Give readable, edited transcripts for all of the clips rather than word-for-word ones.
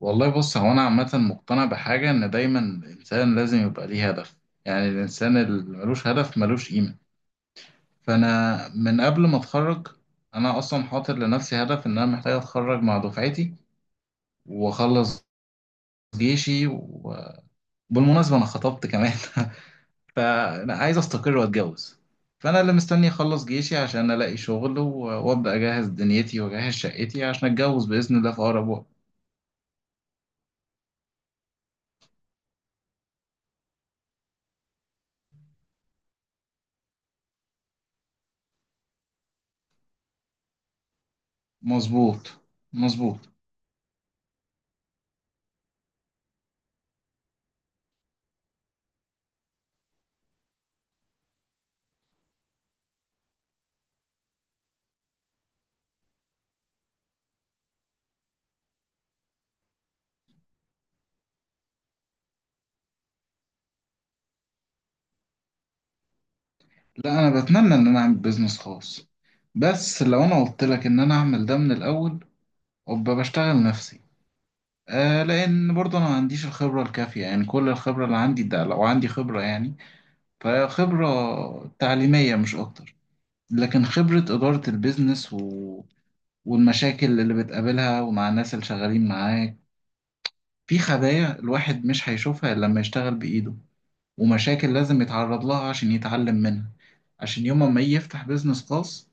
والله، بص، هو أنا عامة مقتنع بحاجة إن دايما الإنسان لازم يبقى ليه هدف. يعني الإنسان اللي ملوش هدف ملوش قيمة. فأنا من قبل ما أتخرج، أنا أصلا حاطط لنفسي هدف إن أنا محتاج أتخرج مع دفعتي وأخلص جيشي. وبالمناسبة أنا خطبت كمان. فأنا عايز أستقر وأتجوز. فأنا اللي مستني أخلص جيشي عشان ألاقي شغل وأبدأ أجهز دنيتي وأجهز شقتي عشان أتجوز بإذن الله في أقرب وقت. مظبوط، مظبوط. لا، انا بتمنى ان انا اعمل بيزنس خاص، بس لو انا قلت لك ان انا اعمل ده من الاول، ابقى بشتغل نفسي. لان برضه انا ما عنديش الخبره الكافيه، يعني كل الخبره اللي عندي ده لو عندي خبره يعني، فهي خبره تعليميه مش اكتر. لكن خبره اداره البيزنس والمشاكل اللي بتقابلها ومع الناس اللي شغالين معاك، في خبايا الواحد مش هيشوفها الا لما يشتغل بايده. ومشاكل لازم يتعرض لها عشان يتعلم منها، عشان يوم ما يجي يفتح بيزنس خاص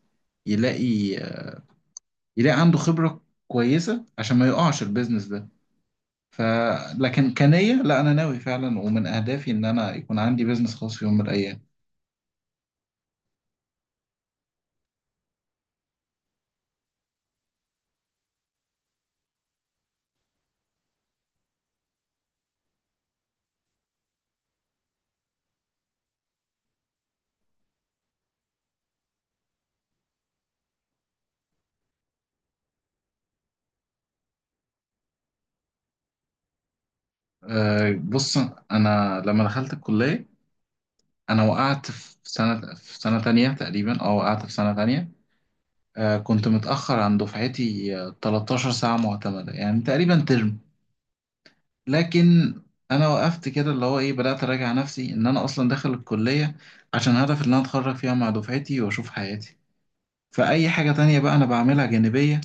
يلاقي يلاقي عنده خبرة كويسة عشان ما يقعش البيزنس ده. ف لكن كنية لا، أنا ناوي فعلا، ومن أهدافي إن أنا يكون عندي بيزنس خاص في يوم من الأيام. بص، أنا لما دخلت الكلية، أنا وقعت في سنة تانية تقريبا، وقعت في سنة تانية. كنت متأخر عن دفعتي 13 ساعة معتمدة يعني تقريبا ترم. لكن انا وقفت كده، اللي هو ايه، بدأت اراجع نفسي ان انا اصلا داخل الكلية عشان هدف ان انا اتخرج فيها مع دفعتي واشوف حياتي. فاي حاجة تانية بقى انا بعملها جانبية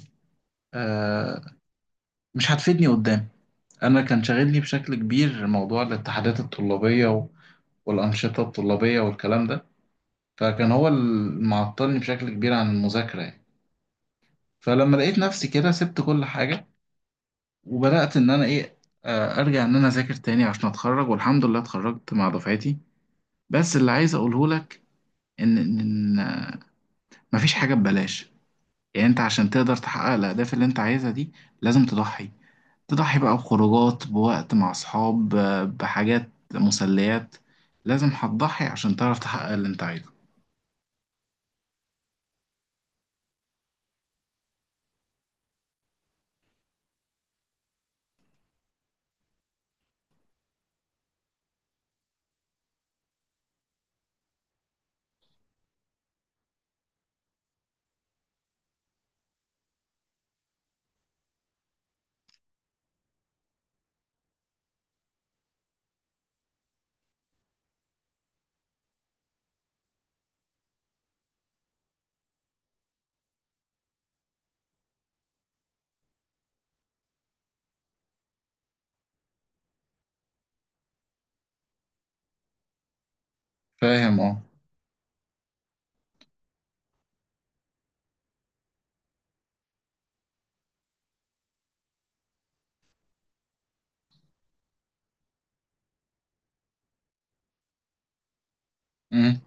آه مش هتفيدني قدام. انا كان شاغلني بشكل كبير موضوع الاتحادات الطلابية والانشطة الطلابية والكلام ده. فكان هو اللي معطلني بشكل كبير عن المذاكرة يعني. فلما لقيت نفسي كده سبت كل حاجة، وبدأت ان انا ايه ارجع ان انا اذاكر تاني عشان اتخرج، والحمد لله اتخرجت مع دفعتي. بس اللي عايز اقوله لك ان ان إن مفيش حاجه ببلاش. يعني انت عشان تقدر تحقق الاهداف اللي انت عايزها دي لازم تضحي. تضحي بقى بخروجات، بوقت مع اصحاب، بحاجات مسليات. لازم هتضحي عشان تعرف تحقق اللي انت عايزه. فاهم، اه. امم.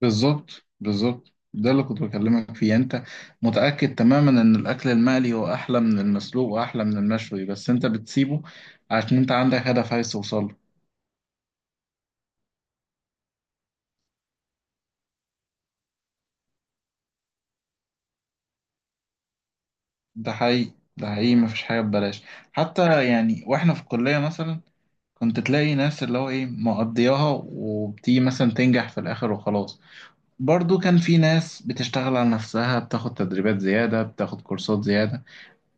بالظبط، بالظبط، ده اللي كنت بكلمك فيه. يعني انت متأكد تماما ان الاكل المقلي هو احلى من المسلوق واحلى من المشوي، بس انت بتسيبه عشان انت عندك هدف عايز توصله. ده حقيقي، ده حقيقي، مفيش حاجة ببلاش. حتى يعني واحنا في الكلية مثلا، كنت تلاقي ناس اللي هو ايه مقضياها وبتيجي مثلا تنجح في الآخر وخلاص. برضو كان في ناس بتشتغل على نفسها، بتاخد تدريبات زيادة، بتاخد كورسات زيادة.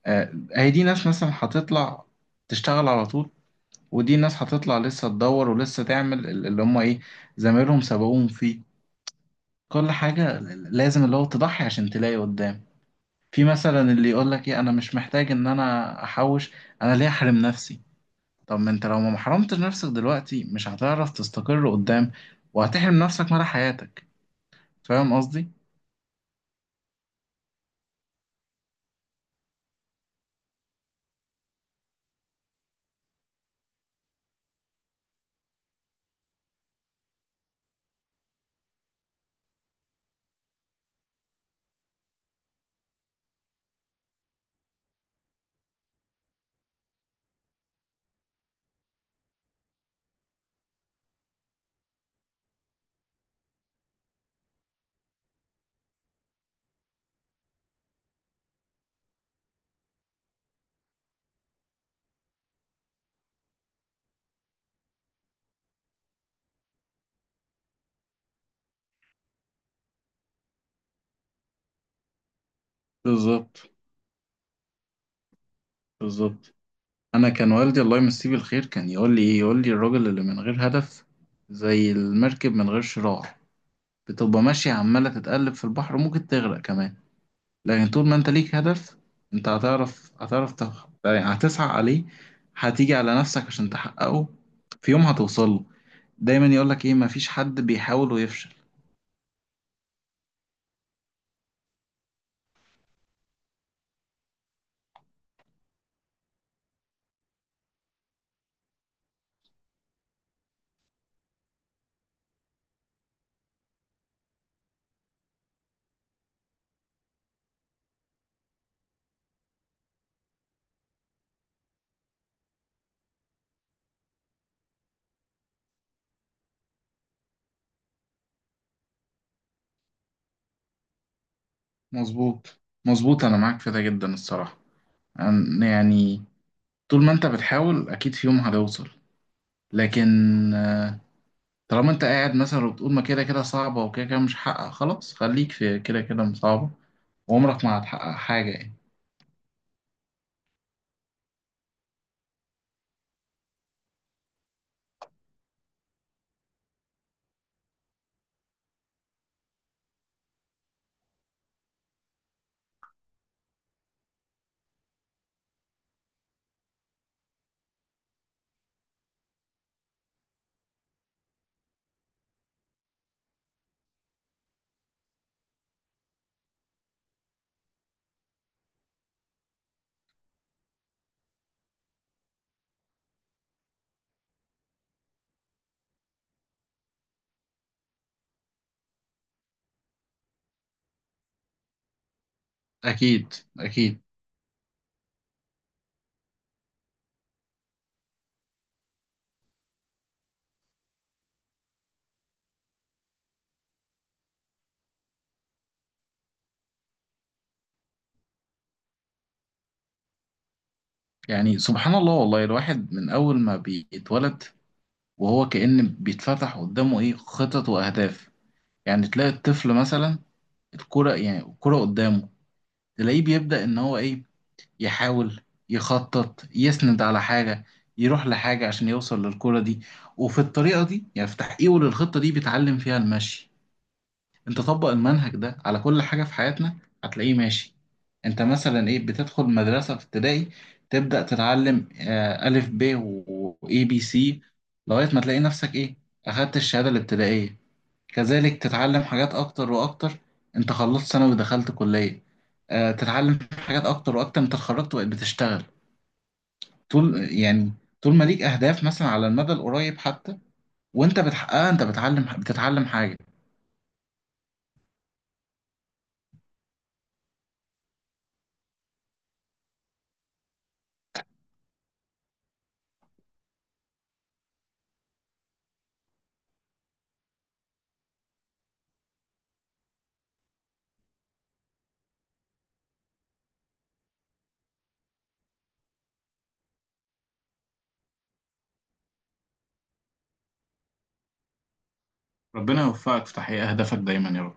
هي دي ناس مثلا هتطلع تشتغل على طول. ودي ناس هتطلع لسه تدور ولسه تعمل اللي هم ايه زمايلهم سبقوهم فيه. كل حاجة لازم اللي هو تضحي عشان تلاقي قدام. في مثلا اللي يقول لك ايه انا مش محتاج ان انا احوش، انا ليه احرم نفسي؟ طب ما انت لو ما حرمتش نفسك دلوقتي مش هتعرف تستقر قدام، وهتحرم نفسك مدى حياتك. فاهم قصدي؟ بالظبط، بالظبط. انا كان والدي الله يمسيه بالخير كان يقول لي ايه، يقول لي الراجل اللي من غير هدف زي المركب من غير شراع، بتبقى ماشية عمالة تتقلب في البحر، ممكن تغرق كمان. لكن طول ما انت ليك هدف، انت هتعرف يعني هتسعى عليه، هتيجي على نفسك عشان تحققه، في يوم هتوصل له. دايما يقولك ايه، مفيش حد بيحاول ويفشل. مظبوط، مظبوط، انا معاك في ده جدا الصراحة. يعني، طول ما انت بتحاول اكيد في يوم هتوصل، لكن آه، طالما انت قاعد مثلا وبتقول ما كده كده صعبة وكده كده مش هحقق، خلاص خليك في كده كده صعبة، وعمرك ما هتحقق حاجة يعني. اكيد، اكيد. يعني سبحان الله، والله الواحد من أول ما بيتولد وهو كأن بيتفتح قدامه إيه خطط وأهداف. يعني تلاقي الطفل مثلا الكرة، يعني الكرة قدامه، تلاقيه بيبدأ إن هو إيه يحاول، يخطط، يسند على حاجة، يروح لحاجة عشان يوصل للكرة دي. وفي الطريقة دي، يعني في تحقيقه للخطة دي، بيتعلم فيها المشي. انت طبق المنهج ده على كل حاجة في حياتنا، هتلاقيه ماشي. انت مثلا ايه بتدخل مدرسة في ابتدائي تبدأ تتعلم ألف ب وإي بي سي، لغاية ما تلاقي نفسك ايه أخدت الشهادة الابتدائية. كذلك تتعلم حاجات أكتر وأكتر. انت خلصت ثانوي ودخلت كلية، تتعلم حاجات أكتر وأكتر. انت اتخرجت وبقيت بتشتغل. طول يعني طول ما ليك أهداف مثلا على المدى القريب، حتى وانت بتحققها انت بتتعلم حاجة. ربنا يوفقك في تحقيق أهدافك دايما يا رب.